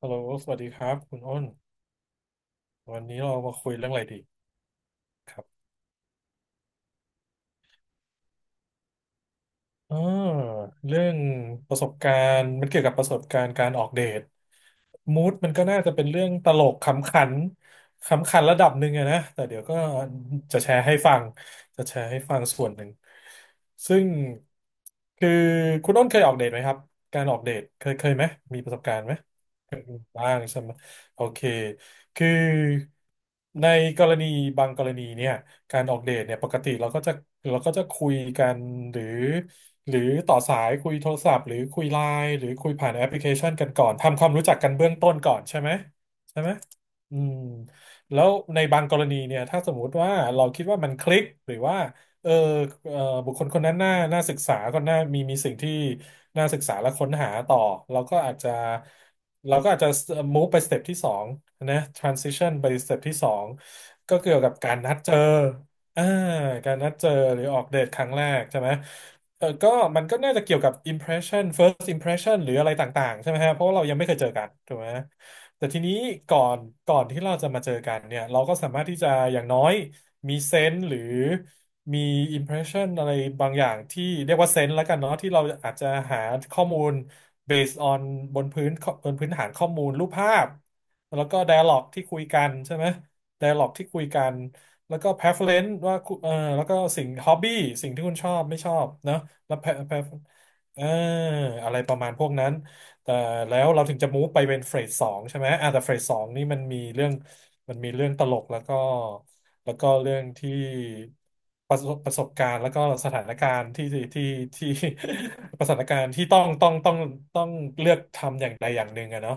ฮัลโหลสวัสดีครับคุณอ้นวันนี้เรามาคุยเรื่องอะไรดีครับอ่าเรื่องประสบการณ์มันเกี่ยวกับประสบการณ์การออกเดทมูดมันก็น่าจะเป็นเรื่องตลกขำขันขำขันระดับหนึ่งอะนะแต่เดี๋ยวก็จะแชร์ให้ฟังจะแชร์ให้ฟังส่วนหนึ่งซึ่งคือคุณอ้นเคยออกเดทไหมครับการออกเดทเคยไหมมีประสบการณ์ไหม บ้างใช่ไหมโอเคคือในกรณีบางกรณีเนี่ยการออกเดทเนี่ยปกติเราก็จะคุยกันหรือหรือต่อสายคุยโทรศัพท์หรือคุยไลน์หรือคุยผ่านแอปพลิเคชันกันก่อนทำความรู้จักกันเบื้องต้นก่อนใช่ไหมใช่ไหมอืมแล้วในบางกรณีเนี่ยถ้าสมมุติว่าเราคิดว่ามันคลิกหรือว่า เออบุคคลคนนั้นน่าศึกษาก็น่ามีสิ่งที่น่าศึกษาและค้นหาต่อเราก็อาจจะเราก็อาจจะ move ไปสเต็ปที่สองนะ transition ไปสเต็ปที่สองก็เกี่ยวกับการนัดเจออ่าการนัดเจอหรือออกเดทครั้งแรกใช่ไหมก็มันก็น่าจะเกี่ยวกับ impression first impression หรืออะไรต่างๆใช่ไหมฮะเพราะว่าเรายังไม่เคยเจอกันถูกไหมแต่ทีนี้ก่อนก่อนที่เราจะมาเจอกันเนี่ย เราก็สามารถที่จะอย่างน้อย มีเซนส์หรือมีอิมเพรสชันอะไรบางอย่างที่เรียกว่าเซนส์แล้วกันเนาะที่เราอาจจะหาข้อมูล based on บนพื้นบนพื้นฐานข้อมูลรูปภาพแล้วก็ dialog ที่คุยกันใช่ไหม dialog ที่คุยกันแล้วก็ preference ว่าคุณแล้วก็สิ่ง hobby สิ่งที่คุณชอบไม่ชอบเนาะแล้ว เอออะไรประมาณพวกนั้นแต่แล้วเราถึงจะม v e ไปเป็นเฟสสองใช่ไหมอ่ะแต่เฟสสองนี่มันมีเรื่อง มันมีเรื่องตลกแล้วก็แล้วก็เรื่องที่ประสบการณ์แล้วก็สถานการณ์ที่ ประสถานการณ์ที่ต้องเลือกทำอย่างใดอย่างหนึ่งอะเนาะ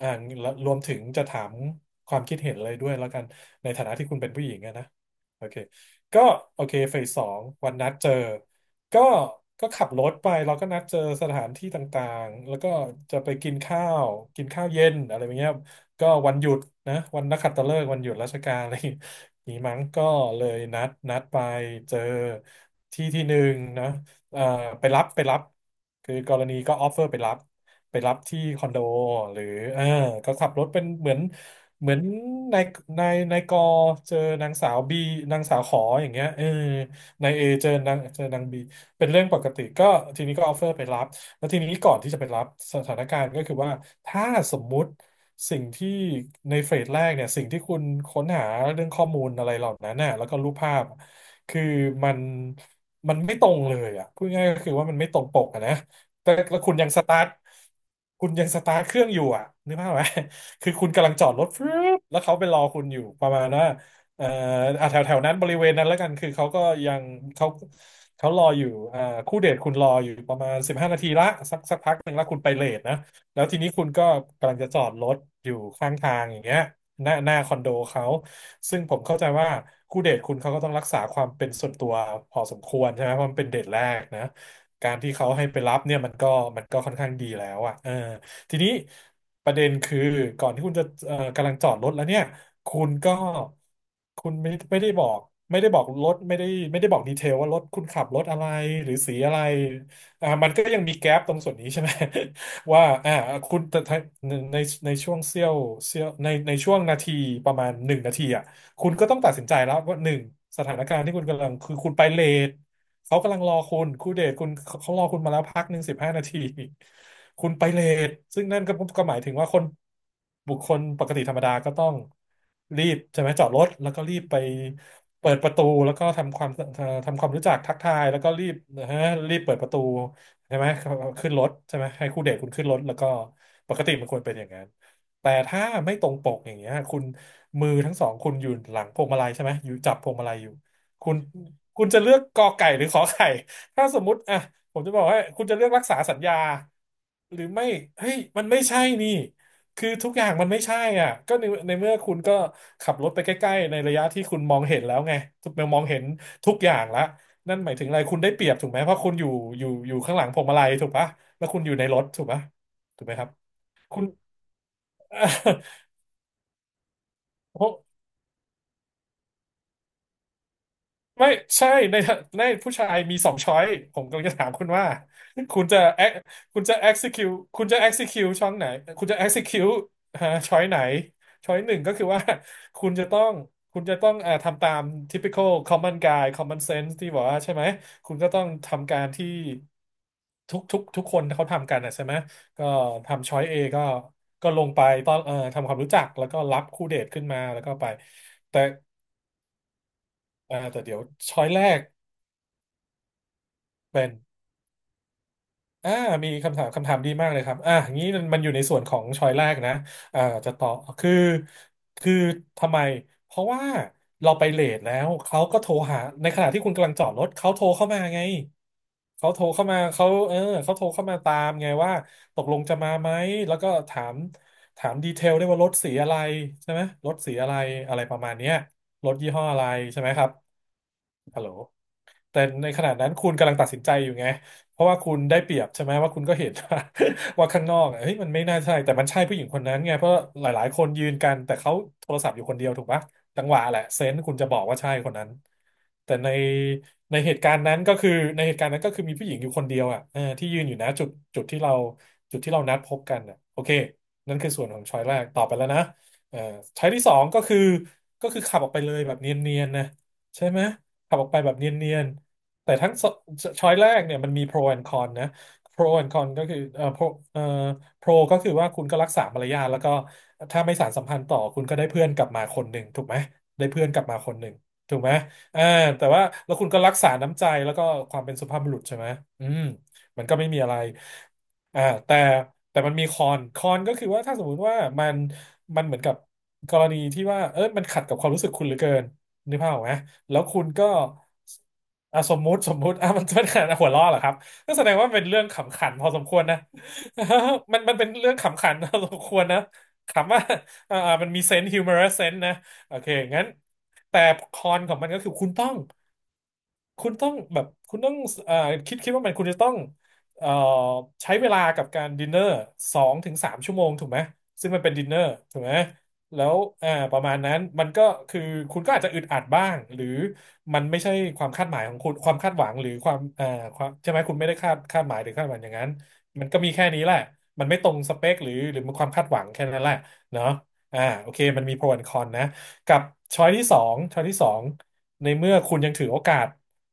อ่าแล้วรวมถึงจะถามความคิดเห็นเลยด้วยแล้วกันในฐานะที่คุณเป็นผู้หญิงอะนะโอเคก็โอเคเฟสสองวันนัดเจอก็ก็ขับรถไปเราก็นัดเจอสถานที่ต่างๆแล้วก็จะไปกินข้าวกินข้าวเย็นอะไรอย่างเงี้ย ก็วันหยุดนะวันนักขัตฤกษ์วันหยุดราชการอะไรอย่าง นี้มั้งก็เลยนัดไปเจอที่ที่หนึ่งนะเอ่อไปรับคือกรณีก็ออฟเฟอร์ไปรับที่คอนโดหรือเออก็ขับรถเป็นเหมือนนายนายกอเจอนางสาวบีนางสาวขออย่างเงี้ยนายเอเจอนางบีเป็นเรื่องปกติก็ทีนี้ก็ออฟเฟอร์ไปรับแล้วทีนี้ก่อนที่จะไปรับสถานการณ์ก็คือว่าถ้าสมมุติ สิ่งที่ในเฟสแรกเนี่ยสิ่งที่คุณค้นหาเรื่องข้อมูลอะไรเหล่านั้นน่ะแล้วก็รูปภาพคือมันมันไม่ตรงเลยอ่ะพูดง่ายๆก็คือว่ามันไม่ตรงปกอะนะแต่แล้วคุณยังสตาร์ทคุณยังสตาร์ทเครื่องอยู่อ่ะนึกภาพไหม คือคุณกำลังจอดรถฟึบแล้วเขาไปรอคุณอยู่ประมาณว่าเอ่ออ่ะแถวแถวนั้นบริเวณนั้นแล้วกันคือเขาก็ยังเขาเขารออยู่อ่าคู่เดทคุณรออยู่ประมาณ15 นาทีละสักพักหนึ่งแล้วคุณไปเลทนะ แล้วทีนี้คุณก็กำลังจะจอดรถอยู่ข้างทางอย่างเงี้ยหน้าคอนโดเขาซึ่งผมเข้าใจว่าคู่เดทคุณเขาก็ต้องรักษาความเป็นส่วนตัวพอสมควรใช่ไหมเพราะมันเป็นเดทแรกนะการที่เขาให้ไปรับเนี่ยมันก็ค่อนข้างดีแล้วอ่ะทีนี้ประเด็นคือก่อนที่คุณจะกำลังจอดรถแล้วเนี่ยคุณก็คุณไม่ได้บอกรถไม่ได้ไม่ได้บอกดีเทลว่ารถคุณขับรถอะไรหรือสีอะไรมันก็ยังมีแก๊ปตรงส่วนนี้ใช่ไหม ว่าอ่าคุณแต่ถ้าในช่วงเสี้ยวในช่วงนาทีประมาณ1 นาทีอ่ะคุณก็ต้องตัดสินใจแล้วว่าหนึ่งสถานการณ์ที่คุณกำลังคือคุณไปเลทเขากำลังรอคุณคู่เดทคุณเขารอคุณมาแล้วพักหนึ่ง15 นาทีคุณไปเลทซึ่งนั่นก็หมายถึงว่าบุคคลปกติธรรมดาก็ต้องรีบใช่ไหมจอดรถแล้วก็รีบไปเปิดประตูแล้วก็ทำความรู้จักทักทายแล้วก็รีบนะฮะรีบเปิดประตู ใช่ไหมขึ้นรถใช่ไหมให้คู่เดทคุณขึ้นรถแล้วก็ปกติมันควรเป็นอย่างนั้นแต่ถ้าไม่ตรงปกอย่างเงี้ยคุณมือทั้งสองคุณอยู่หลังพวงมาลัยใช่ไหมอยู่จับพวงมาลัยอยู่คุณคุณจะเลือกกอไก่หรือขอไข่ถ้าสมมุติอ่ะผมจะบอกว่าคุณจะเลือกรักษาสัญญาหรือไม่เฮ้ยมันไม่ใช่นี่คือทุกอย่างมันไม่ใช่อ่ะก็ในเมื่อคุณก็ขับรถไปใกล้ๆในระยะที่คุณมองเห็นแล้วไงมองเห็นทุกอย่างละ นั่นหมายถึงอะไรคุณได้เปรียบถูกไหมเพราะคุณอยู่ข้างหลังพวงมาลัยถูกปะแล้วคุณอยู่ในรถถูกปะถูกไหมครับคุณ ไม่ใช่ในผู้ชายมีสองช้อยผมกำลังจะถามคุณว่าคุณจะ ex- คุณจะ execute คุณจะ execute ช่องไหนคุณจะ execute ฮะช้อยไหนช้อยหนึ่งก็คือว่าคุณจะต้องคุณจะต้องเอ่อทำตาม typical common guy common sense ที่บอกว่าใช่ไหมคุณก็ต้องทำการที่ทุกคนเขาทำกันนะใช่ไหมก็ทำช้อย A ก็ลงไปตอนทำความรู้จักแล้วก็รับคู่เดทขึ้นมาแล้วก็ไปแต่แต่เดี๋ยวช้อยแรกเป็น อ่ามีคำถามคำถามดีมากเลยครับงี้มันอยู่ในส่วนของชอยแรกนะจะต่อคือคือทำไมเพราะว่าเราไปเลทแล้วเขาก็โทรหาในขณะที่คุณกำลังจอดรถเขาโทรเข้ามาไงเขาโทรเข้ามาเขาโทรเข้ามาตามไงว่าตกลงจะมาไหมแล้วก็ถามดีเทลได้วยว่ารถสีอะไรใช่ไหมรถสีอะไรอะไรประมาณเนี้ยรถยี่ห้ออะไรใช่ไหมครับฮัลโหล แต่ในขณะนั้นคุณกำลังตัดสินใจอยู่ไงเพราะว่าคุณได้เปรียบใช่ไหมว่าคุณก็เห็น ว่าข้างนอกอะเฮ้ยมันไม่น่าใช่แต่มันใช่ผู้หญิงคนนั้นไงเพราะหลายๆคนยืนกันแต่เขาโทรศัพท์อยู่คนเดียวถูกปะจังหวะแหละเซนส์คุณจะบอกว่าใช่คนนั้นแต่ในเหตุการณ์นั้นก็คือในเหตุการณ์นั้นก็คือมีผู้หญิงอยู่คนเดียวอ่ะที่ยืนอยู่นะจุดที่เราจุดที่เรานัดพบกันอ่ะโอเคนั่นคือส่วนของช้อยแรกตอบไปแล้วนะเออช้อยที่สองก็คือขับออกไปเลยแบบเนียนๆนะใช่ไหมขับออกไปแบบเนียน แต่ทั้งสช้อยแรกเนี่ยมันมี pro and con นะ pro and con ก็คือเอ่อ pro ก็คือว่าคุณก็รักษามารยาทแล้วก็ถ้าไม่สานสัมพันธ์ต่อคุณก็ได้เพื่อนกลับมาคนหนึ่งถูกไหมได้เพื่อนกลับมาคนหนึ่งถูกไหมอ่าแต่ว่าแล้วคุณก็รักษาน้ำใจแล้วก็ความเป็นสุภาพบุรุษใช่ไหมอืมมันก็ไม่มีอะไรอ่าแต่แต่มันมีคอนก็คือว่าถ้าสมมุติว่ามันเหมือนกับกรณีที่ว่ามันขัดกับความรู้สึกคุณเหลือเกินนึกภาพออกไหม แล้วคุณก็อ่ะสมมุติอ่ะ มันเป็นขนาดหัวล้อเหรอครับก็แสดงว่าเป็นเรื่องขำขันพอสมควรนะ มันเป็นเรื่องขำขัน พอสมควรนะขำว่ามันมีเซนส์ฮิวเมอรัสเซนส์นะโอเคงั้นแต่คอนของมันก็คือคุณต้อง คุณต้องแบบคุณต้องอ่าคิดว่ามันคุณจะต้องเอ่อใช้เวลากับการดินเนอร์2-3 ชั่วโมงถูกไหมซึ่งมันเป็นดินเนอร์ถูกไหมแล้วประมาณนั้นมันก็คือคุณก็อาจจะอึดอัดบ้างหรือมันไม่ใช่ความคาดหมายของคุณความคาดหวังหรือความความใช่ไหมคุณไม่ได้คาดหมายหรือคาดหวังอย่างนั้นมันก็มีแค่นี้แหละมันไม่ตรงสเปคหรือมันความคาดหวังแค่นั้นแหละเนาะโอเคมันมีโปรแอนคอนนะ กับช้อยที่สองในเมื่อคุณยังถือโอกาส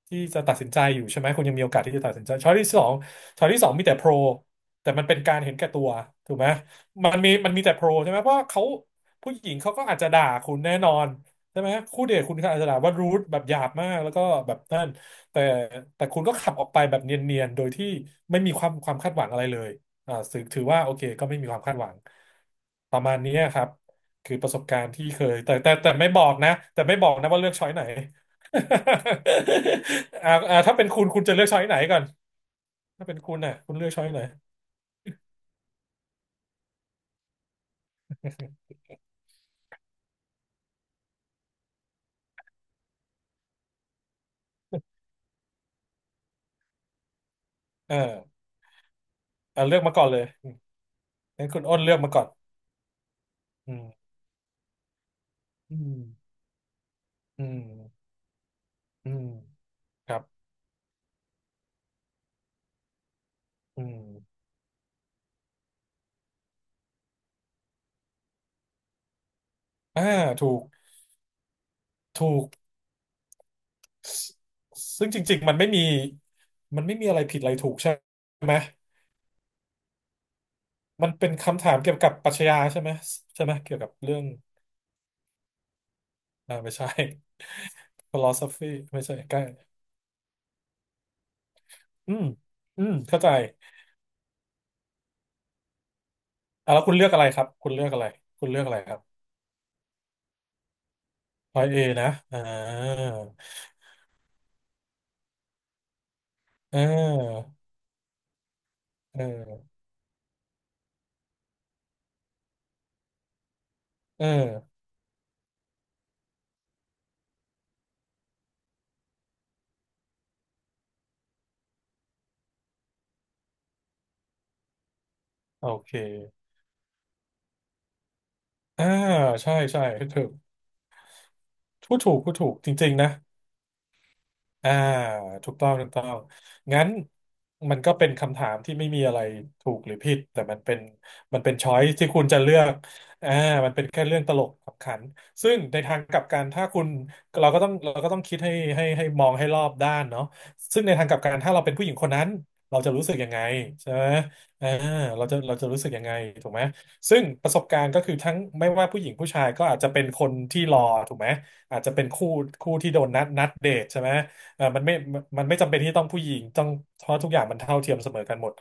ที่จะตัดสินใจอยู่ใช่ไหมคุณยังมีโอกาสที่จะตัดสินใจช้อยที่สองช้อยที่สองมีแต่โปรแต่มันเป็นการเห็นแก่ตัวถูกไหมมันมีแต่โปรใช่ไหมเพราะเขาผู้หญิงเขาก็อาจจะด่าคุณแน่นอนใช่ไหมคู่เดทคุณก็อาจจะด่าว่ารูทแบบหยาบมากแล้วก็แบบนั่นแต่แต่คุณก็ขับออกไปแบบเนียนๆโดยที่ไม่มีความคาดหวังอะไรเลยถือว่าโอเคก็ไม่มีความคาดหวังประมาณนี้ครับ คือประสบการณ์ที่เคยแต่ไม่บอกนะแต่ไม่บอกนะว่าเลือกช้อยไหน ถ้าเป็นคุณคุณจะเลือกช้อยไหนก่อนถ้าเป็นคุณน่ะคุณเลือกช้อยไหนเออเลือกมาก่อนเลยอืมงั้นคุณอ้นเลือกมาก่อนอืมอืมอืมอืมครับอืมอ่าถูกถูกซซึ่งจริงๆมันไม่มีมันไม่มีอะไรผิดอะไรถูกใช่ไหมมันเป็นคำถามเกี่ยวกับปรัชญาใช่ไหมใช่ไหมเกี่ยวกับเรื่องไม่ใช่ philosophy ไม่ใช่ใกล้ อืมอืมเข้าใจอ่ะแล้วคุณเลือกอะไรครับคุณเลือกอะไรคุณเลือกอะไรครับพอยเอนะเออเออเออโอเคอ่าใช่ใช่ถูกพูดถูกจริงๆนะ อ่าถูกต้องถูกต้องงั้นมันก็เป็นคำถามที่ไม่มีอะไรถูกหรือผิดแต่มันเป็นช้อยที่คุณจะเลือกอ่ามันเป็นแค่เรื่องตลกขำขันซึ่งในทางกลับกันถ้าคุณเราก็ต้องคิดให้มองให้รอบด้านเนาะซึ่งในทางกลับกันถ้าเราเป็นผู้หญิงคนนั้นเราจะรู้สึกยังไงใช่ไหมอ่าเราจะรู้สึกยังไงถูกไหมซึ่งประสบการณ์ก็คือทั้งไม่ว่าผู้หญิงผู้ชายก็อาจจะเป็นคนที่รอถูกไหมอาจจะเป็นคู่คู่ที่โดนนัดเดทใช่ไหม เออมันไม่จำเป็นที่ต้องผู้หญิงต้องเพราะทุกอย่างมันเท่าเทียมเสมอกันหมด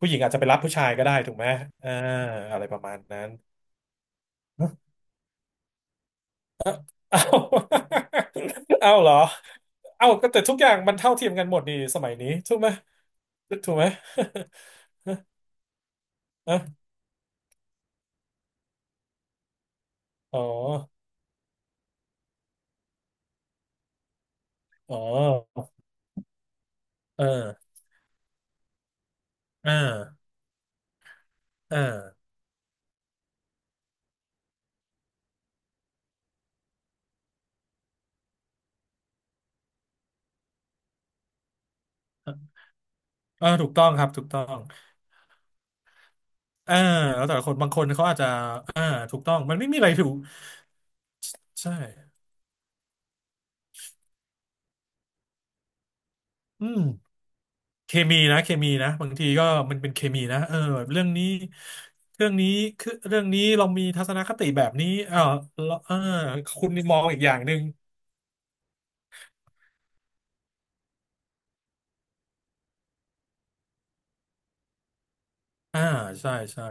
ผู้หญิงอาจจะไปรับผู้ชายก็ได้ถูกไหมเอออะไรประมาณนั้น เอา เอาเหรอเอาก็แต่ทุกอย่างมันเท่าเทียมกันหมดนี่สมัยนี้ถูกไหมถูกไหม อะอ๋ออ๋อเอออ่าอ่าเออถูกต้องครับถูกต้องอ่าแล้วแต่ละคนบางคนเขาอาจจะอ่าถูกต้องมันไม่มีอะไรถูกใช่อืม เคมีนะเคมีนะบางทีก็มันเป็นเคมีนะเออแบบเรื่องนี้เรื่องนี้คือเรื่องนี้เรามีทัศนคติแบบนี้เออแลาเออคุณมองอีกอย่างหนึ่งอ่าใช่ใช่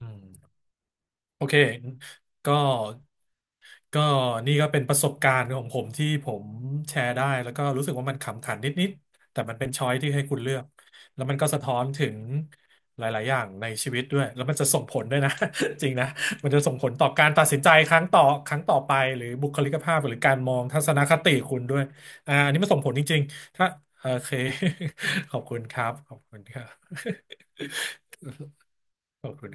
อืม โอเคก็ก็นี่ก็เป็นประสบการณ์ของผมที่ผมแชร์ได้แล้วก็รู้สึกว่ามันขำขันนิดๆแต่มันเป็นช้อยที่ให้คุณเลือกแล้วมันก็สะท้อนถึงหลายๆอย่างในชีวิตด้วยแล้วมันจะส่งผลด้วยนะ จริงนะมันจะส่งผลต่อการตัดสินใจครั้งต่อครั้งต่อไปหรือบุคลิกภาพหรือการมองทัศนคติคุณด้วยอันนี้มันส่งผลจริงๆถ้าโอเค ขอบคุณครับขอบคุณครับ ขอบคุณ